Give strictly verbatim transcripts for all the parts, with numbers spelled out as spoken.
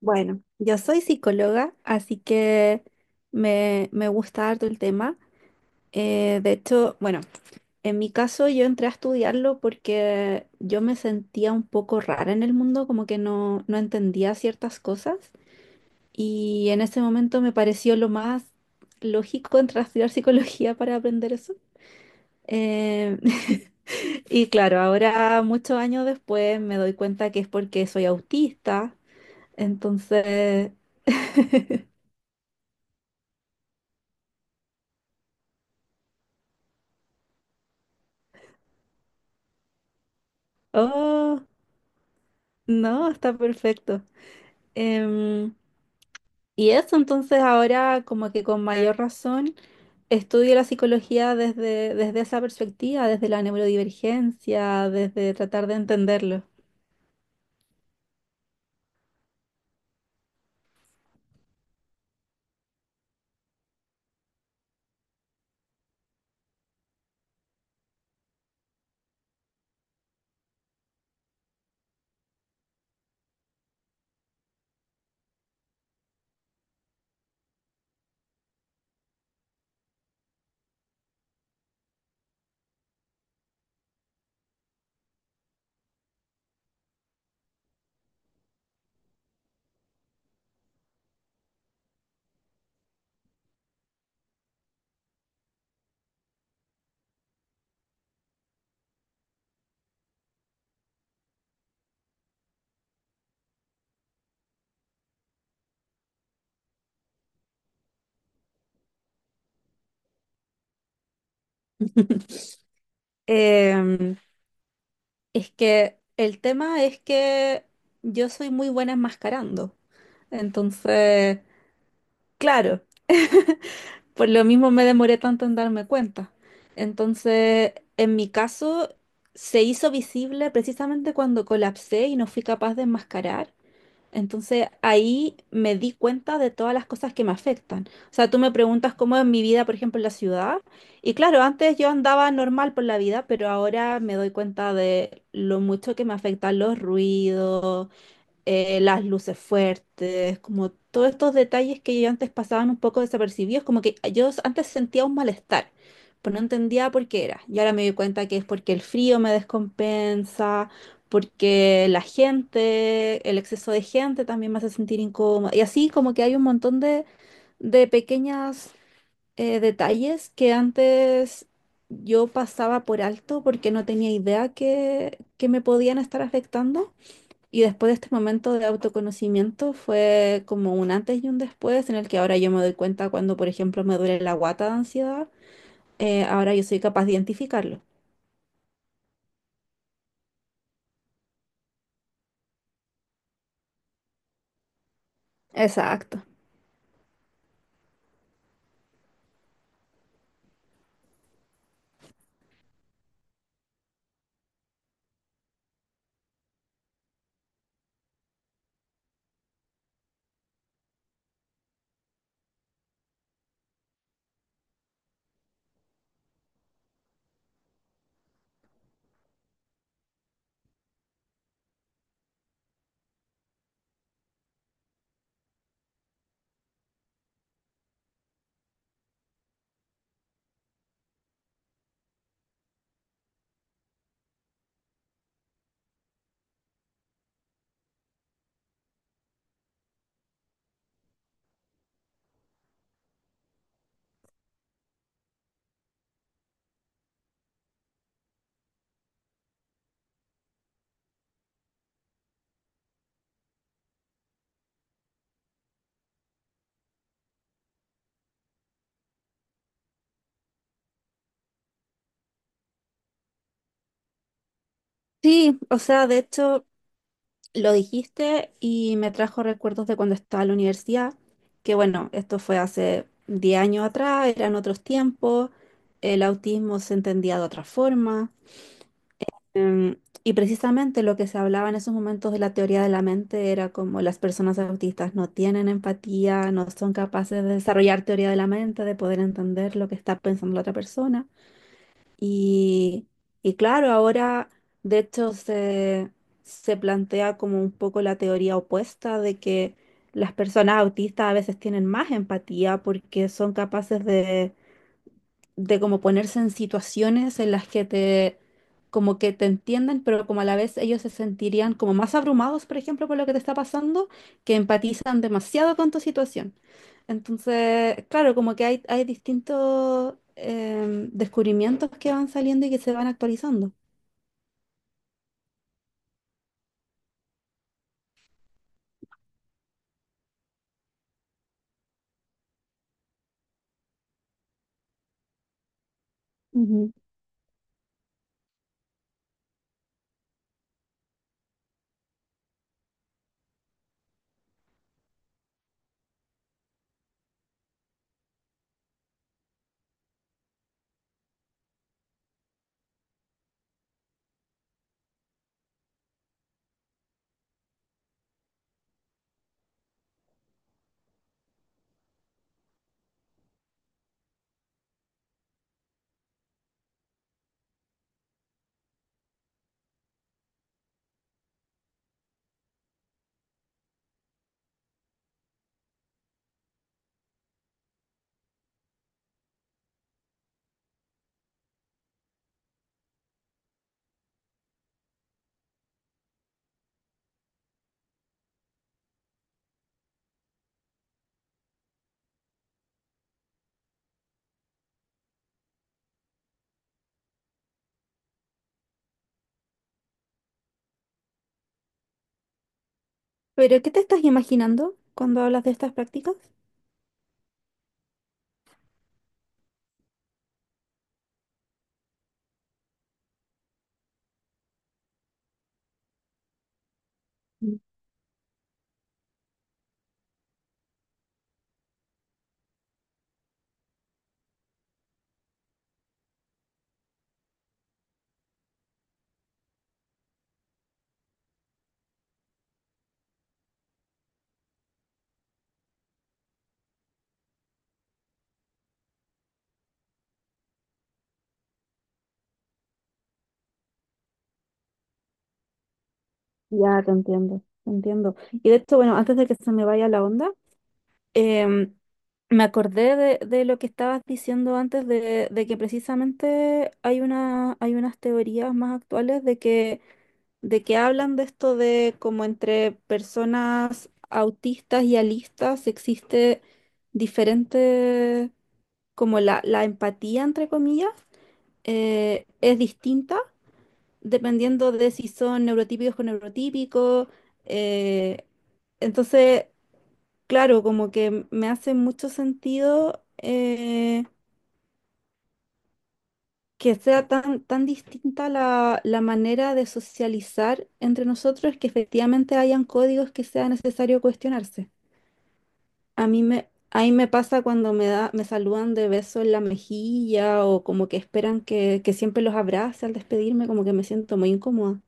Bueno, yo soy psicóloga, así que me, me gusta harto el tema. Eh, de hecho, bueno, en mi caso yo entré a estudiarlo porque yo me sentía un poco rara en el mundo, como que no, no entendía ciertas cosas y en ese momento me pareció lo más lógico entrar a estudiar psicología para aprender eso. Eh, y claro, ahora muchos años después me doy cuenta que es porque soy autista, entonces... Oh, no, está perfecto. Em, y eso entonces ahora como que con mayor razón estudio la psicología desde, desde esa perspectiva, desde la neurodivergencia, desde tratar de entenderlo. Em, es que el tema es que yo soy muy buena enmascarando. Entonces, claro. Por lo mismo me demoré tanto en darme cuenta. Entonces, en mi caso, se hizo visible precisamente cuando colapsé y no fui capaz de enmascarar. Entonces, ahí me di cuenta de todas las cosas que me afectan. O sea, tú me preguntas cómo es mi vida, por ejemplo, en la ciudad. Y claro, antes yo andaba normal por la vida, pero ahora me doy cuenta de lo mucho que me afectan los ruidos eh, las luces fuertes, como todos estos detalles que yo antes pasaban un poco desapercibidos, como que yo antes sentía un malestar, pero no entendía por qué era. Y ahora me doy cuenta que es porque el frío me descompensa, porque la gente, el exceso de gente también me hace sentir incómoda. Y así como que hay un montón de, de pequeños detalles que antes... Yo pasaba por alto porque no tenía idea que, que me podían estar afectando. Y después de este momento de autoconocimiento fue como un antes y un después en el que ahora yo me doy cuenta cuando, por ejemplo, me duele la guata de ansiedad, eh, ahora yo soy capaz de identificarlo. Exacto. Sí, o sea, de hecho, lo dijiste y me trajo recuerdos de cuando estaba en la universidad, que bueno, esto fue hace diez años atrás, eran otros tiempos, el autismo se entendía de otra forma. Em, y precisamente lo que se hablaba en esos momentos de la teoría de la mente era como las personas autistas no tienen empatía, no son capaces de desarrollar teoría de la mente, de poder entender lo que está pensando la otra persona. Y, y claro, ahora de hecho se, se plantea como un poco la teoría opuesta de que las personas autistas a veces tienen más empatía porque son capaces de de como ponerse en situaciones en las que te, como que te entiendan, pero como a la vez ellos se sentirían como más abrumados, por ejemplo, por lo que te está pasando, que empatizan demasiado con tu situación. Entonces, claro, como que hay, hay distintos em, descubrimientos que van saliendo y que se van actualizando. Ujú. ¿Pero qué te estás imaginando cuando hablas de estas prácticas? Mm. Ya, te entiendo, te entiendo. Y de hecho, bueno, antes de que se me vaya la onda, Em, me acordé de, de lo que estabas diciendo antes de, de que precisamente hay una, hay unas teorías más actuales de que, de que hablan de esto de como entre personas autistas y alistas existe diferente, como la, la empatía, entre comillas, eh, es distinta dependiendo de si son neurotípicos con neurotípicos. eh, entonces, Claro, como que me hace mucho sentido eh, que sea tan, tan distinta la, la manera de socializar entre nosotros que efectivamente hayan códigos que sea necesario cuestionarse. A mí me, ahí me pasa cuando me da, me saludan de beso en la mejilla o como que esperan que, que siempre los abrace al despedirme, como que me siento muy incómoda.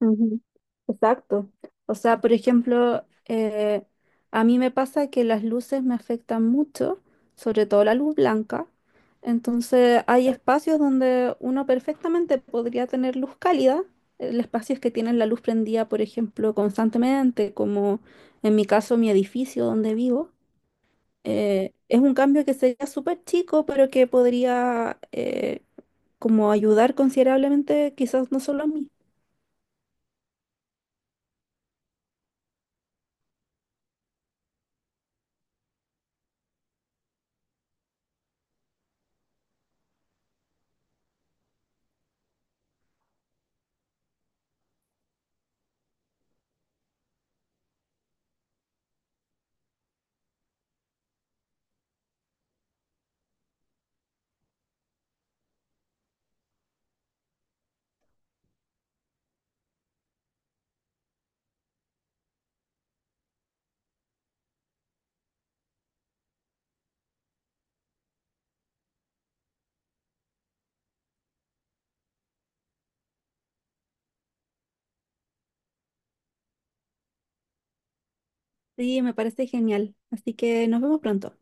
Ujú. Exacto. O sea, por ejemplo, eh, a mí me pasa que las luces me afectan mucho, sobre todo la luz blanca. Entonces, hay espacios donde uno perfectamente podría tener luz cálida, el espacios que tienen la luz prendida, por ejemplo, constantemente, como en mi caso, mi edificio donde vivo. Eh, es un cambio que sería súper chico, pero que podría eh, como ayudar considerablemente, quizás no solo a mí. Sí, me parece genial. Así que nos vemos pronto.